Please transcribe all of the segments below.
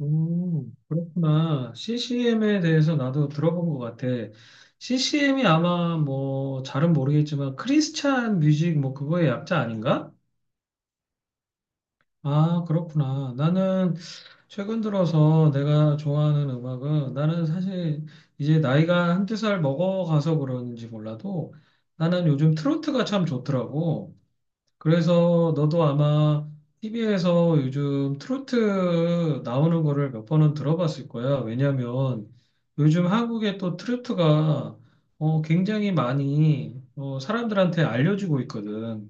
그렇구나. CCM에 대해서 나도 들어본 것 같아. CCM이 아마 뭐 잘은 모르겠지만 크리스찬 뮤직 뭐 그거의 약자 아닌가? 아, 그렇구나. 나는 최근 들어서 내가 좋아하는 음악은 나는 사실 이제 나이가 한두 살 먹어가서 그런지 몰라도 나는 요즘 트로트가 참 좋더라고. 그래서 너도 아마 TV에서 요즘 트로트 나오는 거를 몇 번은 들어봤을 거야. 왜냐면 요즘 한국의 또 트로트가 굉장히 많이 사람들한테 알려지고 있거든.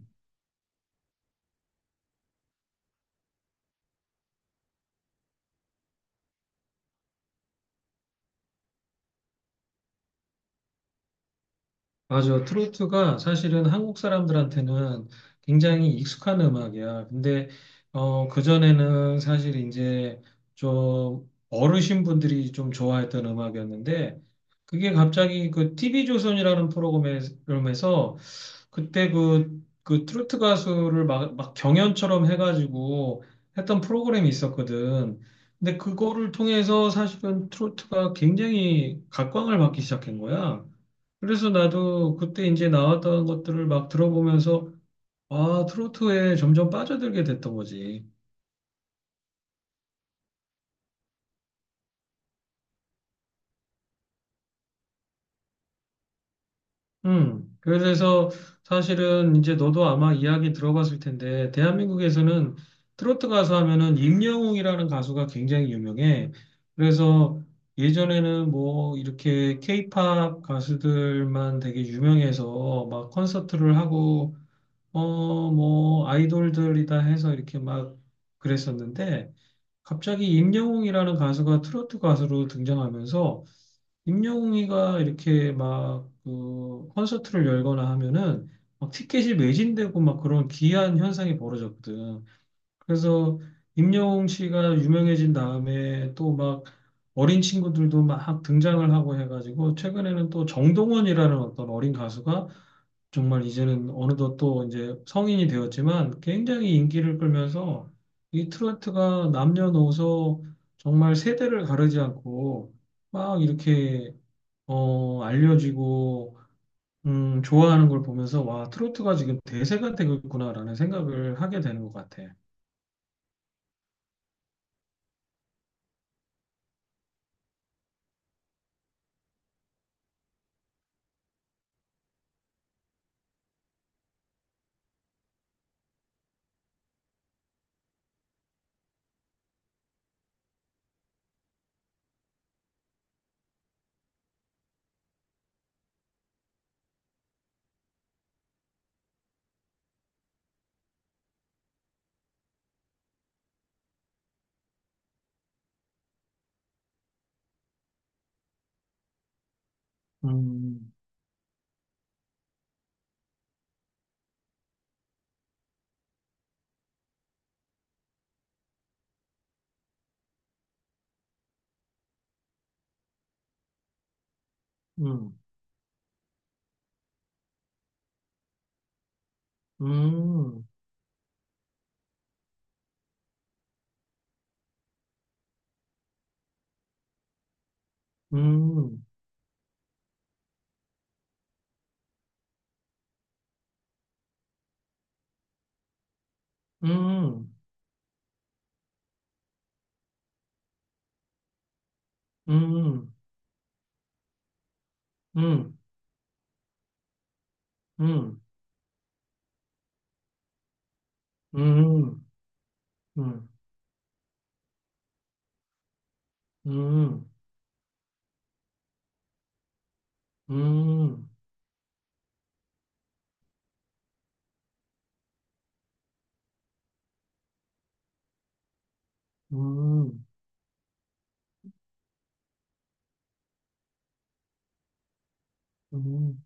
맞아. 트로트가 사실은 한국 사람들한테는 굉장히 익숙한 음악이야. 근데, 그전에는 사실 이제 좀 어르신분들이 좀 좋아했던 음악이었는데, 그게 갑자기 그 TV조선이라는 프로그램에서 그때 그 트로트 가수를 막 경연처럼 해가지고 했던 프로그램이 있었거든. 근데 그거를 통해서 사실은 트로트가 굉장히 각광을 받기 시작한 거야. 그래서 나도 그때 이제 나왔던 것들을 막 들어보면서 아, 트로트에 점점 빠져들게 됐던 거지. 그래서 사실은 이제 너도 아마 이야기 들어봤을 텐데, 대한민국에서는 트로트 가수 하면은 임영웅이라는 가수가 굉장히 유명해. 그래서 예전에는 뭐 이렇게 케이팝 가수들만 되게 유명해서 막 콘서트를 하고, 뭐 아이돌들이다 해서 이렇게 막 그랬었는데, 갑자기 임영웅이라는 가수가 트로트 가수로 등장하면서 임영웅이가 이렇게 막그 콘서트를 열거나 하면은 막 티켓이 매진되고 막 그런 기이한 현상이 벌어졌거든. 그래서 임영웅 씨가 유명해진 다음에 또 막 어린 친구들도 막 등장을 하고 해가지고 최근에는 또 정동원이라는 어떤 어린 가수가 정말 이제는 어느덧 또 이제 성인이 되었지만 굉장히 인기를 끌면서 이 트로트가 남녀노소 정말 세대를 가르지 않고 막 이렇게 알려지고, 좋아하는 걸 보면서, 와, 트로트가 지금 대세가 되겠구나라는 생각을 하게 되는 것 같아. 음, 음, 음, 음, 음, 음, 음, 음, 음, 음, 음, 음, 음, 음, 음,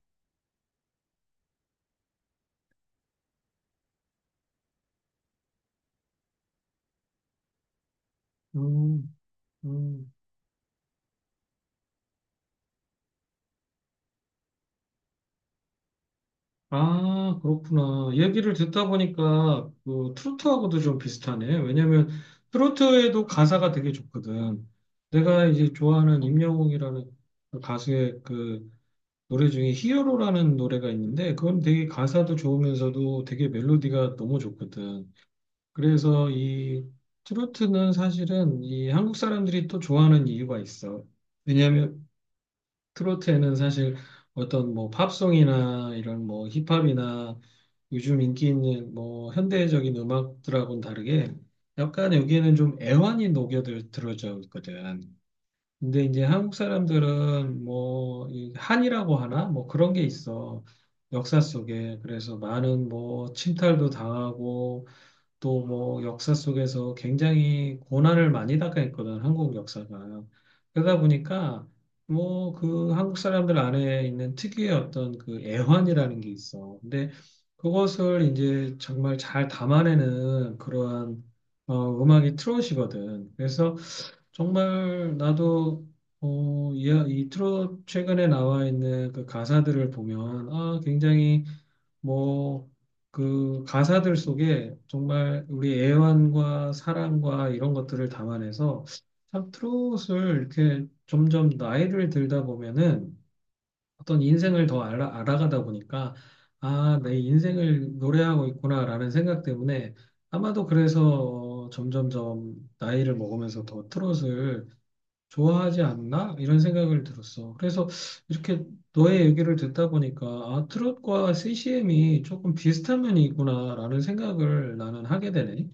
음. 음. 아, 그렇구나. 얘기를 듣다 보니까 그 트로트하고도 좀 비슷하네. 왜냐면 트로트에도 가사가 되게 좋거든. 내가 이제 좋아하는 임영웅이라는 그 가수의 그 노래 중에 히어로라는 노래가 있는데 그건 되게 가사도 좋으면서도 되게 멜로디가 너무 좋거든. 그래서 이 트로트는 사실은 이 한국 사람들이 또 좋아하는 이유가 있어. 왜냐면 트로트에는 사실 어떤 뭐 팝송이나 이런 뭐 힙합이나 요즘 인기 있는 뭐 현대적인 음악들하고는 다르게 약간 여기에는 좀 애환이 녹여들 들어져 있거든. 근데 이제 한국 사람들은 뭐이 한이라고 하나 뭐 그런 게 있어. 역사 속에 그래서 많은 뭐 침탈도 당하고 또 뭐 역사 속에서 굉장히 고난을 많이 당했거든, 한국 역사가. 그러다 보니까 뭐 그 한국 사람들 안에 있는 특유의 어떤 그 애환이라는 게 있어. 근데 그것을 이제 정말 잘 담아내는 그러한 음악이 트롯이거든. 그래서 정말 나도 이 트롯 최근에 나와 있는 그 가사들을 보면 아, 굉장히 뭐, 그 가사들 속에 정말 우리 애환과 사랑과 이런 것들을 담아내서 참 트롯을 이렇게 점점 나이를 들다 보면은 어떤 인생을 더 알아가다 보니까 아, 내 인생을 노래하고 있구나라는 생각 때문에 아마도 그래서 점점점 나이를 먹으면서 더 트롯을 좋아하지 않나? 이런 생각을 들었어. 그래서 이렇게 너의 얘기를 듣다 보니까 아, 트롯과 CCM이 조금 비슷한 면이 있구나라는 생각을 나는 하게 되네.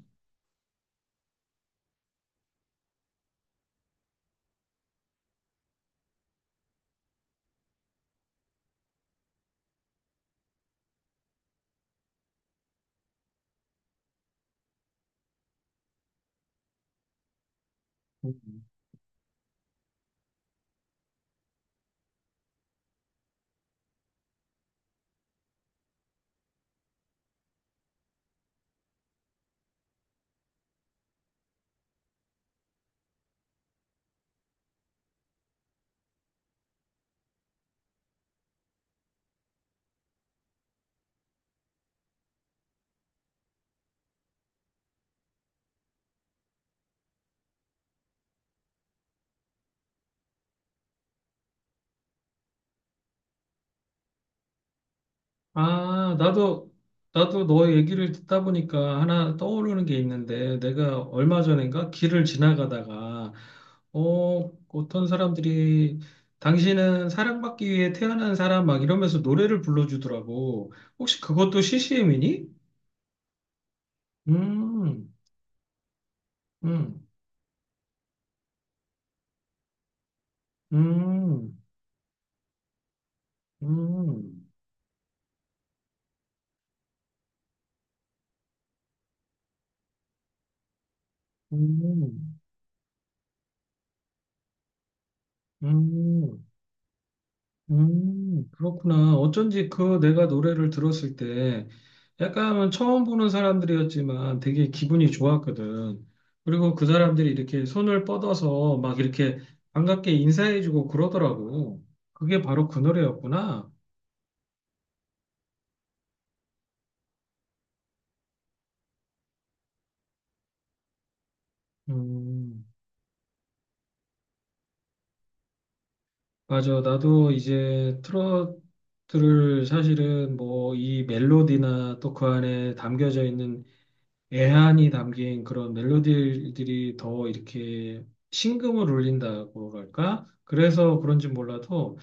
음. 아, 나도 너 얘기를 듣다 보니까 하나 떠오르는 게 있는데, 내가 얼마 전인가 길을 지나가다가, 어떤 사람들이, 당신은 사랑받기 위해 태어난 사람 막 이러면서 노래를 불러주더라고. 혹시 그것도 CCM이니? 음. 음, 음, 음, 음, 음, 그렇구나. 어쩐지 그 내가 노래를 들었을 때 약간 은 처음 보는 사람들이었지만 되게 기분이 좋았거든. 그리고 그 사람들이 이렇게 손을 뻗어서 막 이렇게 반갑게 인사해주고 그러더라고. 그게 바로 그 노래였구나. 음, 맞아. 나도 이제 트로트를 사실은 뭐 이 멜로디나 또 그 안에 담겨져 있는 애환이 담긴 그런 멜로디들이 더 이렇게 심금을 울린다고 할까? 그래서 그런지 몰라도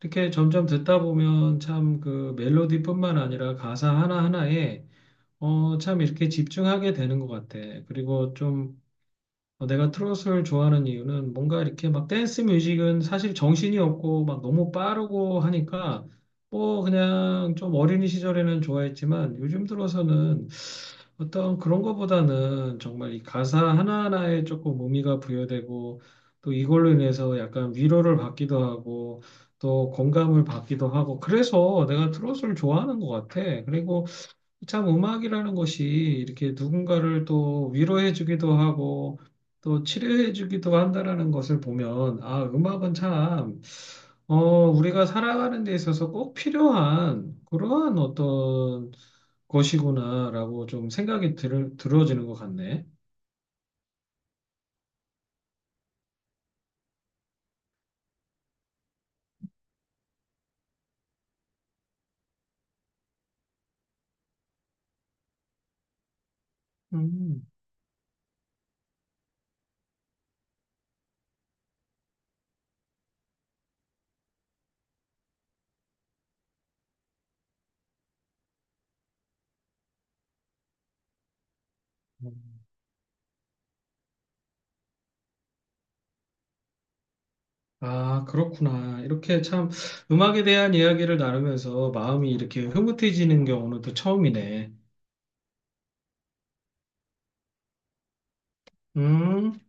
이렇게 점점 듣다 보면 참 그 멜로디뿐만 아니라 가사 하나하나에 참 이렇게 집중하게 되는 것 같아. 그리고 좀 내가 트로트를 좋아하는 이유는 뭔가 이렇게 막 댄스 뮤직은 사실 정신이 없고 막 너무 빠르고 하니까 뭐 그냥 좀 어린이 시절에는 좋아했지만 요즘 들어서는 어떤 그런 거보다는 정말 이 가사 하나하나에 조금 의미가 부여되고 또 이걸로 인해서 약간 위로를 받기도 하고 또 공감을 받기도 하고 그래서 내가 트로트를 좋아하는 것 같아. 그리고 참 음악이라는 것이 이렇게 누군가를 또 위로해주기도 하고 또 치료해주기도 한다라는 것을 보면 아, 음악은 참 어, 우리가 살아가는 데 있어서 꼭 필요한 그러한 어떤 것이구나라고 좀 생각이 들어지는 것 같네. 음. 아, 그렇구나. 이렇게 참 음악에 대한 이야기를 나누면서 마음이 이렇게 흐뭇해지는 경우는 또 처음이네. 음.